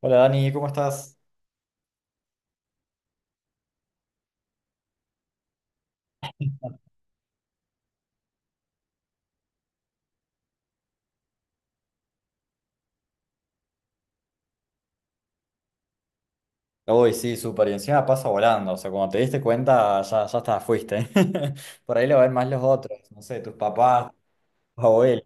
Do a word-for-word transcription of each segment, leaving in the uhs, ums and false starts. Hola Dani, ¿cómo estás? Uy, sí, súper. Y encima pasa volando. O sea, cuando te diste cuenta, ya, ya está, fuiste. Por ahí lo ven más los otros. No sé, tus papás, tus abuelos.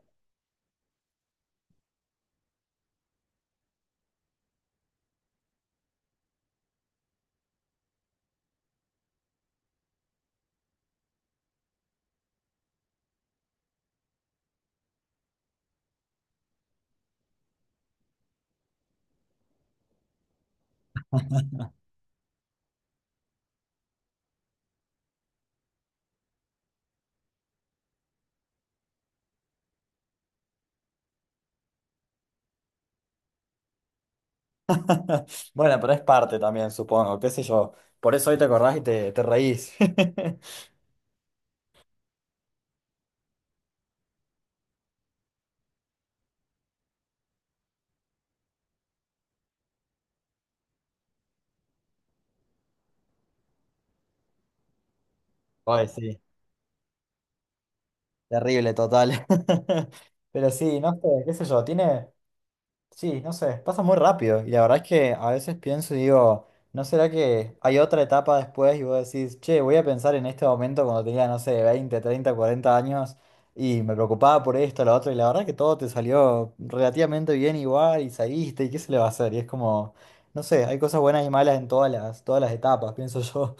Bueno, pero es parte también, supongo. ¿Qué sé yo? Por eso hoy te acordás y te, te reís. Uy, sí. Terrible, total. Pero sí, no sé, qué sé yo. Tiene. Sí, no sé, pasa muy rápido y la verdad es que a veces pienso y digo, ¿no será que hay otra etapa después y vos decís, che, voy a pensar en este momento cuando tenía, no sé, veinte, treinta, cuarenta años y me preocupaba por esto, lo otro y la verdad que todo te salió relativamente bien igual y saliste y qué se le va a hacer? Y es como, no sé, hay cosas buenas y malas en todas las, todas las etapas, pienso yo.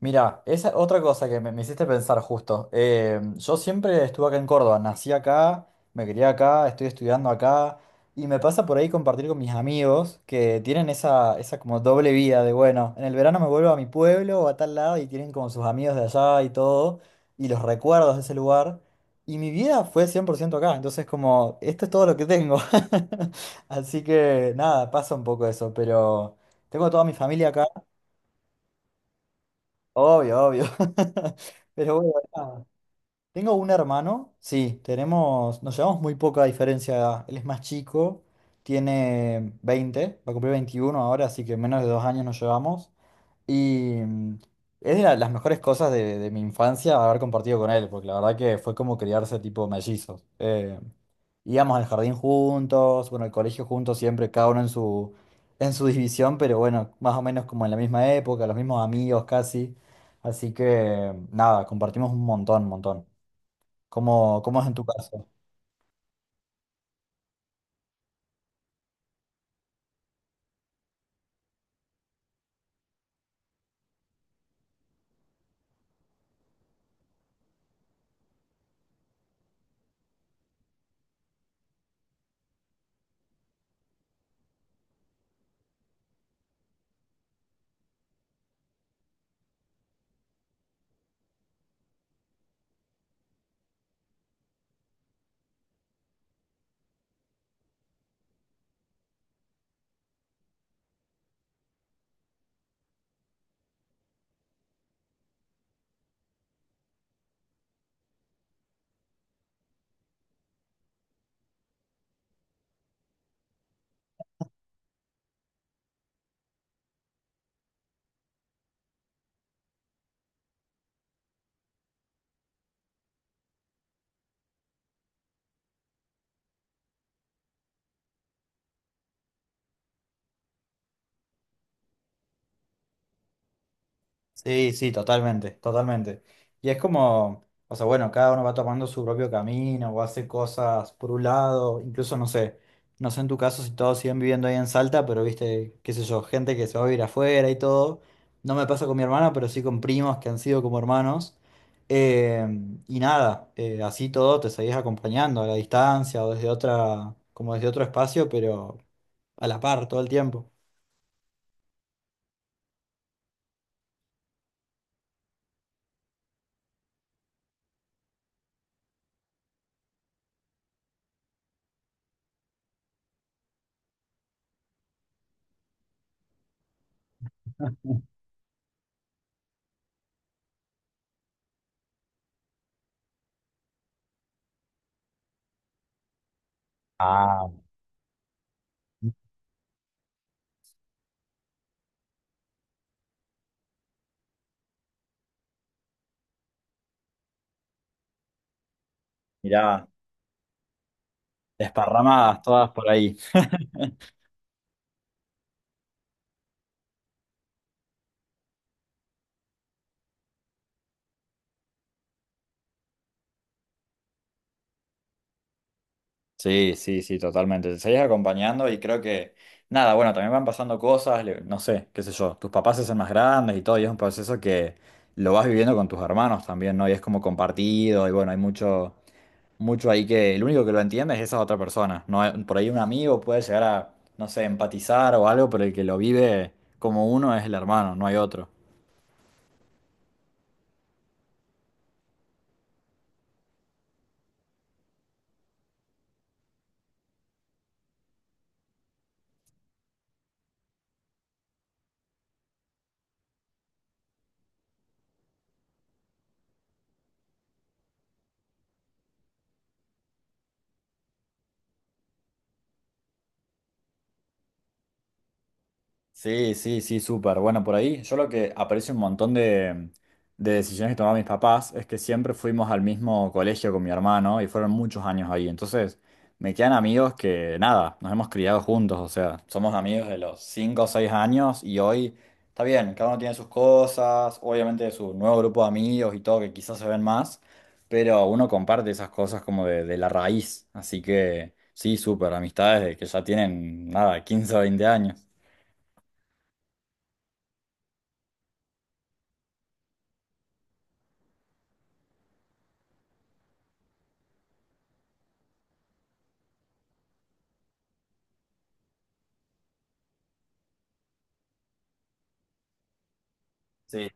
Mira, esa otra cosa que me, me hiciste pensar justo. Eh, yo siempre estuve acá en Córdoba, nací acá, me crié acá, estoy estudiando acá y me pasa por ahí compartir con mis amigos que tienen esa, esa como doble vida de, bueno, en el verano me vuelvo a mi pueblo o a tal lado y tienen como sus amigos de allá y todo y los recuerdos de ese lugar. Y mi vida fue cien por ciento acá, entonces como, esto es todo lo que tengo. Así que nada, pasa un poco eso, pero tengo toda mi familia acá. Obvio, obvio. Pero bueno, nada. Tengo un hermano, sí, tenemos, nos llevamos muy poca diferencia de edad. Él es más chico, tiene veinte, va a cumplir veintiuno ahora, así que menos de dos años nos llevamos. Y mm, es de la- las mejores cosas de, de mi infancia haber compartido con él, porque la verdad que fue como criarse tipo mellizos. Eh, íbamos al jardín juntos, bueno, al colegio juntos siempre, cada uno en su, en su, división, pero bueno, más o menos como en la misma época, los mismos amigos casi. Así que nada, compartimos un montón, montón. ¿Cómo, cómo es en tu caso? Sí, sí, totalmente, totalmente. Y es como, o sea, bueno, cada uno va tomando su propio camino o hace cosas por un lado, incluso no sé, no sé en tu caso si todos siguen viviendo ahí en Salta, pero viste, qué sé yo, gente que se va a vivir afuera y todo. No me pasa con mi hermana, pero sí con primos que han sido como hermanos. Eh, y nada, eh, así todo te seguís acompañando a la distancia o desde otra, como desde otro espacio, pero a la par todo el tiempo. Ah, mirá. Desparramadas todas por ahí. Sí, sí, sí, totalmente. Te seguís acompañando y creo que, nada, bueno, también van pasando cosas, le- no sé, qué sé yo, tus papás se hacen más grandes y todo, y es un proceso que lo vas viviendo con tus hermanos también, ¿no? Y es como compartido, y bueno, hay mucho, mucho ahí que el único que lo entiende es esa otra persona, ¿no? hay- Por ahí un amigo puede llegar a, no sé, empatizar o algo, pero el que lo vive como uno es el hermano, no hay otro. Sí, sí, sí, súper. Bueno, por ahí yo lo que aprecio un montón de, de decisiones que tomaban mis papás es que siempre fuimos al mismo colegio con mi hermano y fueron muchos años ahí. Entonces, me quedan amigos que nada, nos hemos criado juntos, o sea, somos amigos de los cinco o seis años y hoy está bien, cada uno tiene sus cosas, obviamente su nuevo grupo de amigos y todo que quizás se ven más, pero uno comparte esas cosas como de, de, la raíz. Así que sí, súper, amistades de que ya tienen nada, quince, o veinte años. Sí.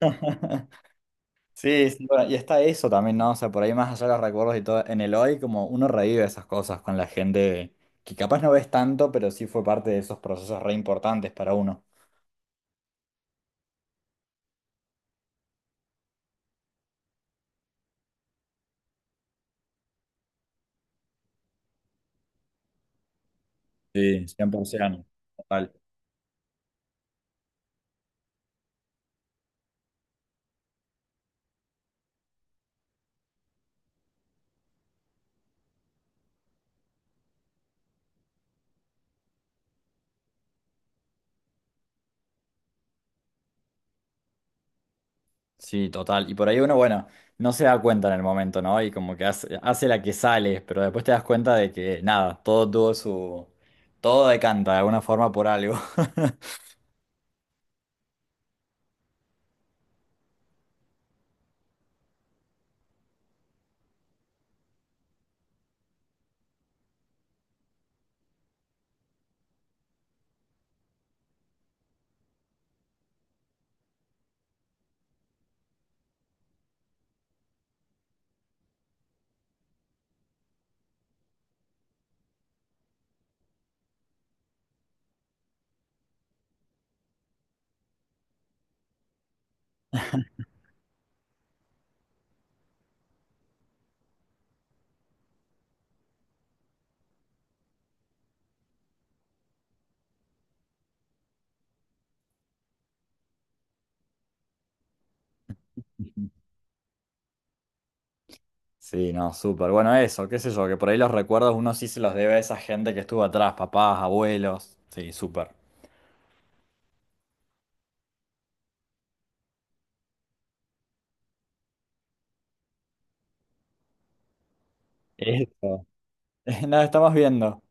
Sí, sí, bueno, y está eso también, ¿no? O sea, por ahí más allá de los recuerdos y todo, en el hoy como uno revive esas cosas con la gente que capaz no ves tanto, pero sí fue parte de esos procesos re importantes para uno. Sí, cien por ciento. Total. Sí, total. Y por ahí uno, bueno, no se da cuenta en el momento, ¿no? Y como que hace, hace la que sale, pero después te das cuenta de que nada, todo tuvo su... Todo decanta de alguna forma por algo. Sí, no, súper. Bueno, eso, qué sé yo, que por ahí los recuerdos uno sí se los debe a esa gente que estuvo atrás, papás, abuelos. Sí, súper. Eso. Nos estamos viendo.